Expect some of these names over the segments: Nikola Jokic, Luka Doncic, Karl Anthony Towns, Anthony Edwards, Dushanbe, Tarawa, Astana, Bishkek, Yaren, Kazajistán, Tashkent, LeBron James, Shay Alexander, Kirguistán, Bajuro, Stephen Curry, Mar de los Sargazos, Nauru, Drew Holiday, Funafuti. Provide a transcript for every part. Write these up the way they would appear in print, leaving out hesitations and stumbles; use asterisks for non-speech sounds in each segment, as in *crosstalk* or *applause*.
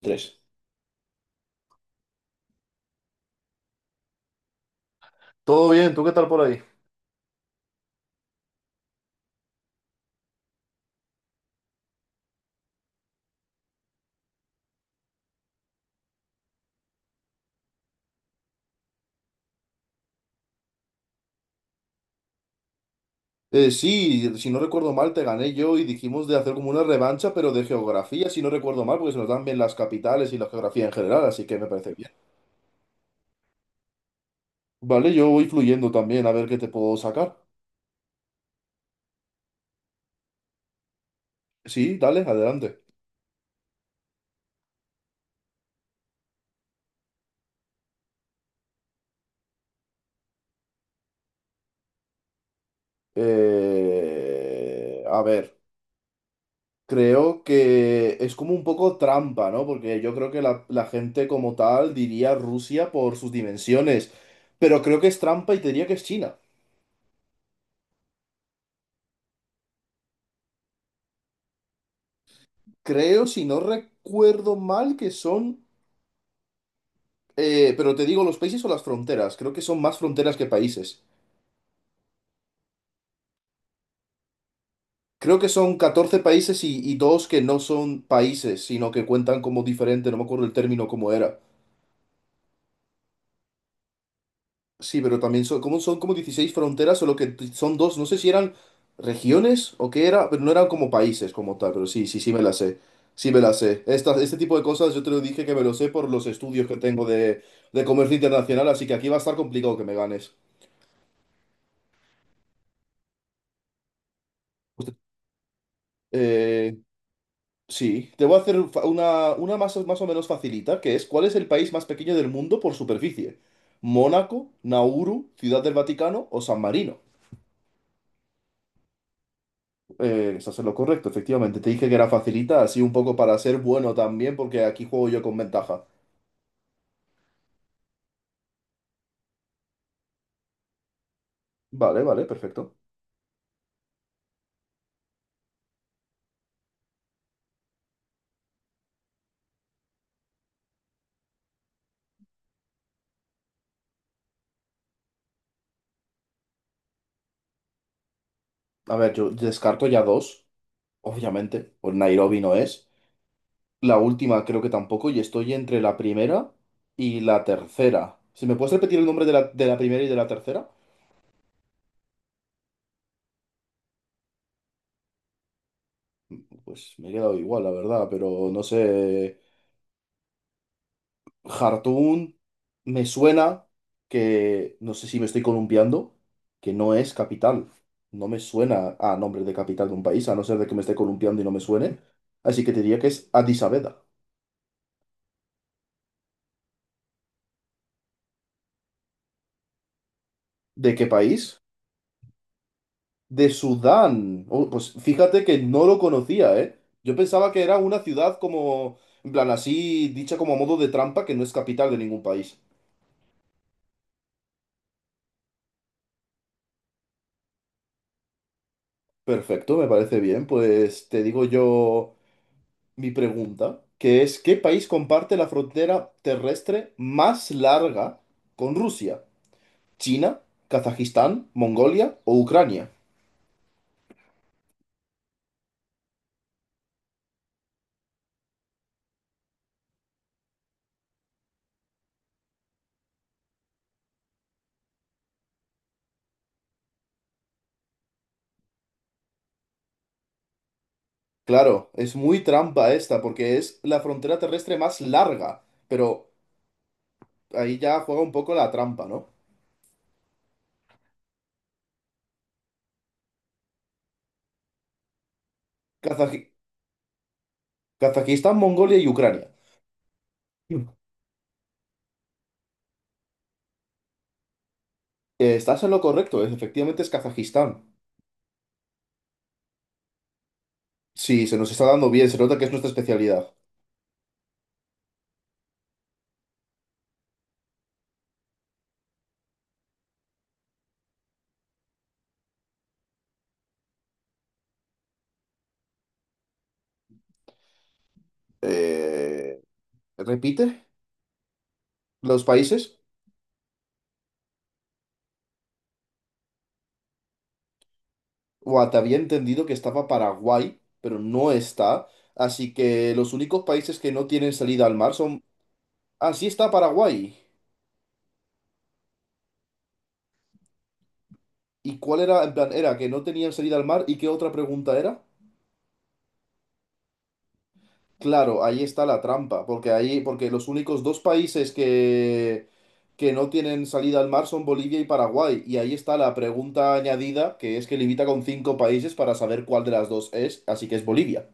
Tres. Todo bien, ¿tú qué tal por ahí? Sí, si no recuerdo mal, te gané yo y dijimos de hacer como una revancha, pero de geografía, si no recuerdo mal, porque se nos dan bien las capitales y la geografía en general, así que me parece bien. Vale, yo voy fluyendo también a ver qué te puedo sacar. Sí, dale, adelante. A ver, creo que es como un poco trampa, ¿no? Porque yo creo que la gente como tal diría Rusia por sus dimensiones, pero creo que es trampa y te diría que es China. Creo, si no recuerdo mal, que son, pero te digo los países o las fronteras, creo que son más fronteras que países. Creo que son 14 países y dos que no son países, sino que cuentan como diferente, no me acuerdo el término cómo era. Sí, pero también son como 16 fronteras, solo que son dos, no sé si eran regiones o qué era, pero no eran como países como tal, pero sí, sí, sí me la sé. Sí me la sé. Este tipo de cosas yo te lo dije que me lo sé por los estudios que tengo de comercio internacional, así que aquí va a estar complicado que me ganes. Eh, sí, te voy a hacer una más, más o menos facilita, que es ¿cuál es el país más pequeño del mundo por superficie? ¿Mónaco, Nauru, Ciudad del Vaticano o San Marino? Estás en lo correcto, efectivamente. Te dije que era facilita, así un poco para ser bueno también, porque aquí juego yo con ventaja. Vale, vale, perfecto. A ver, yo descarto ya dos, obviamente. Pues Nairobi no es. La última creo que tampoco, y estoy entre la primera y la tercera. ¿Si me puedes repetir el nombre de la primera y de la tercera? Pues me he quedado igual, la verdad, pero no sé. Jartún me suena que, no sé si me estoy columpiando, que no es capital. No me suena a nombre de capital de un país, a no ser de que me esté columpiando y no me suene. Así que te diría que es Addis Abeba. ¿De qué país? De Sudán. Oh, pues fíjate que no lo conocía, ¿eh? Yo pensaba que era una ciudad como, en plan así, dicha como a modo de trampa, que no es capital de ningún país. Perfecto, me parece bien. Pues te digo yo mi pregunta, que es, ¿qué país comparte la frontera terrestre más larga con Rusia? ¿China, Kazajistán, Mongolia o Ucrania? Claro, es muy trampa esta, porque es la frontera terrestre más larga, pero ahí ya juega un poco la trampa, ¿no? Kazaji- Kazajistán, Mongolia y Ucrania. Mm. Estás en lo correcto, efectivamente es Kazajistán. Sí, se nos está dando bien, se nota que es nuestra especialidad. Eh, ¿Repite los países? Guau, había entendido que estaba Paraguay, pero no está. Así que los únicos países que no tienen salida al mar son... Ah, sí está Paraguay. ¿Y cuál era? En plan, era que no tenían salida al mar. ¿Y qué otra pregunta era? Claro, ahí está la trampa, porque ahí, porque los únicos dos países que no tienen salida al mar son Bolivia y Paraguay. Y ahí está la pregunta añadida, que es que limita con 5 países para saber cuál de las dos es, así que es Bolivia.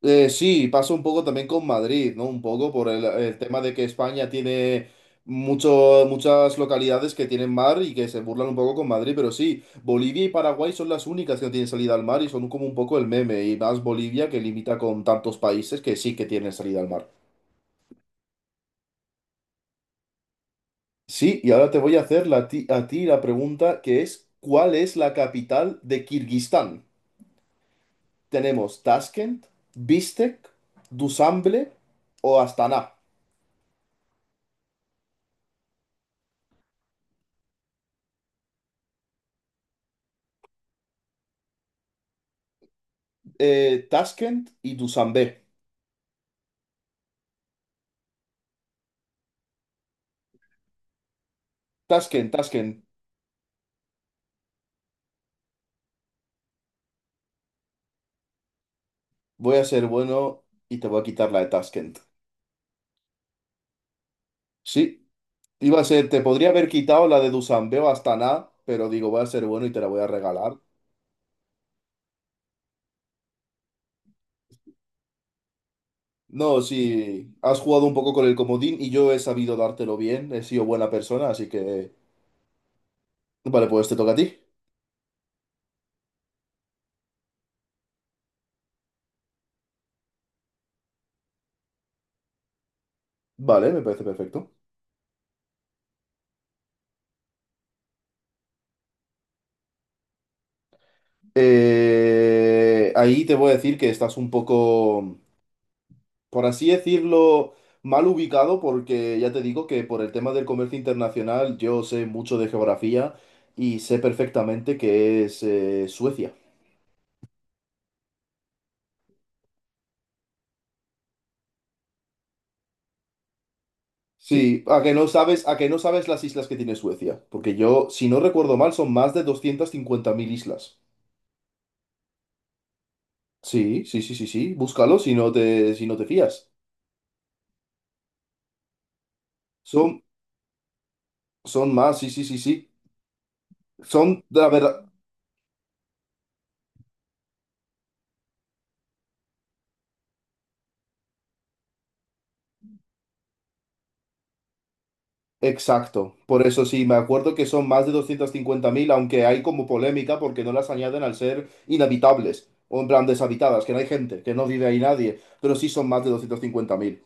Sí, pasa un poco también con Madrid, ¿no? Un poco por el tema de que España tiene mucho, muchas localidades que tienen mar y que se burlan un poco con Madrid, pero sí, Bolivia y Paraguay son las únicas que no tienen salida al mar y son como un poco el meme, y más Bolivia que limita con tantos países que sí que tienen salida al mar. Sí, y ahora te voy a hacer la a ti la pregunta que es, ¿cuál es la capital de Kirguistán? Tenemos Tashkent, Bishkek, Dushanbe o Astana. Tashkent y Dusanbe. Tashkent, Tashkent. Voy a ser bueno y te voy a quitar la de Tashkent. Sí, iba a ser, te podría haber quitado la de Dusanbe o Astana, pero digo, voy a ser bueno y te la voy a regalar. No, sí, has jugado un poco con el comodín y yo he sabido dártelo bien, he sido buena persona, así que... Vale, pues te toca a ti. Vale, me parece perfecto. Ahí te voy a decir que estás un poco... por así decirlo, mal ubicado, porque ya te digo que por el tema del comercio internacional yo sé mucho de geografía y sé perfectamente que es Suecia. Sí, a que no sabes, a que no sabes las islas que tiene Suecia, porque yo, si no recuerdo mal, son más de 250.000 islas. Sí, sí, sí, sí, sí, búscalo si no te, si no te fías. Son, son más, sí, sí, sí, sí. Son, la verdad. Exacto, por eso sí, me acuerdo que son más de 250.000, aunque hay como polémica porque no las añaden al ser inhabitables, o en plan deshabitadas, que no hay gente, que no vive ahí nadie, pero sí son más de 250.000.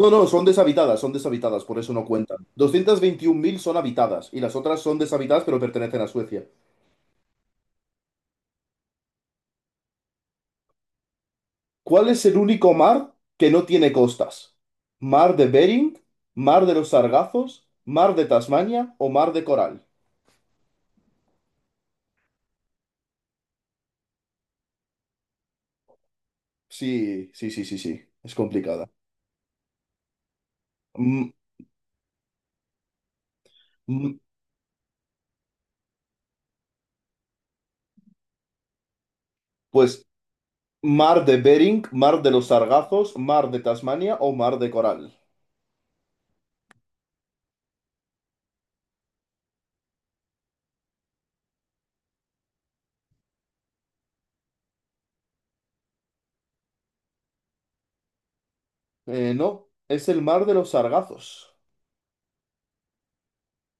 No, no, son deshabitadas, por eso no cuentan. 221.000 son habitadas y las otras son deshabitadas pero pertenecen a Suecia. ¿Cuál es el único mar que no tiene costas? ¿Mar de Bering? ¿Mar de los Sargazos? ¿Mar de Tasmania o mar de Coral? Sí, sí, sí, sí, sí, es complicada. Mm, M- Pues mar de Bering, mar de los Sargazos, mar de Tasmania o mar de Coral. No, es el mar de los Sargazos.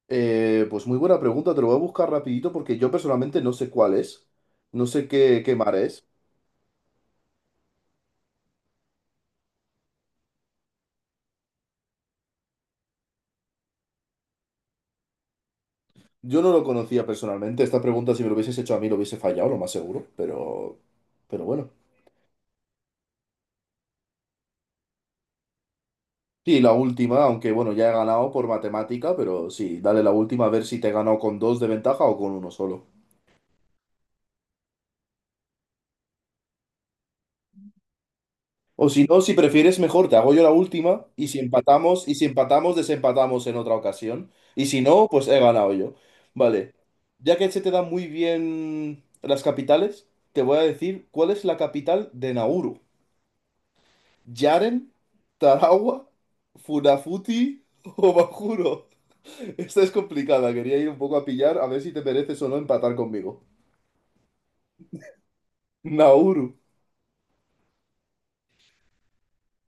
Pues muy buena pregunta, te lo voy a buscar rapidito porque yo personalmente no sé cuál es. No sé qué, qué mar es. Yo no lo conocía personalmente. Esta pregunta, si me lo hubieses hecho a mí, lo hubiese fallado, lo más seguro. Pero bueno. Sí, la última, aunque bueno, ya he ganado por matemática, pero sí, dale la última a ver si te he ganado con dos de ventaja o con uno solo. O si no, si prefieres mejor, te hago yo la última y si, sí, empatamos, y si empatamos, desempatamos en otra ocasión. Y si no, pues he ganado yo. Vale. Ya que se te dan muy bien las capitales, te voy a decir cuál es la capital de Nauru. Yaren, Tarawa, Funafuti o Bajuro. *laughs* Esta es complicada, quería ir un poco a pillar a ver si te mereces o no empatar conmigo. Nauru.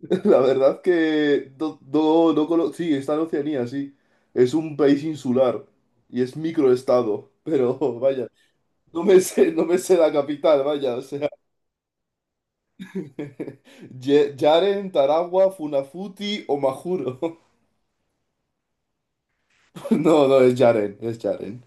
La verdad que no, no, no sí, está en Oceanía, sí. Es un país insular y es microestado, pero *laughs* vaya, no me sé la capital, vaya, o sea, *laughs* Yaren, Taragua, Funafuti o Majuro. *laughs* No, no, es Yaren, es Yaren.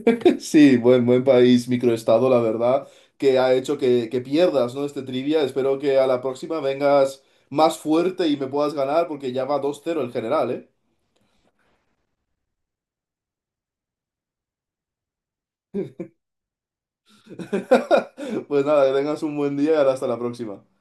*laughs* Sí, buen, buen país, microestado, la verdad, que ha hecho que, pierdas, ¿no? Este trivia. Espero que a la próxima vengas más fuerte y me puedas ganar porque ya va 2-0 el general, ¿eh? *laughs* Pues nada, que tengas un buen día y hasta la próxima.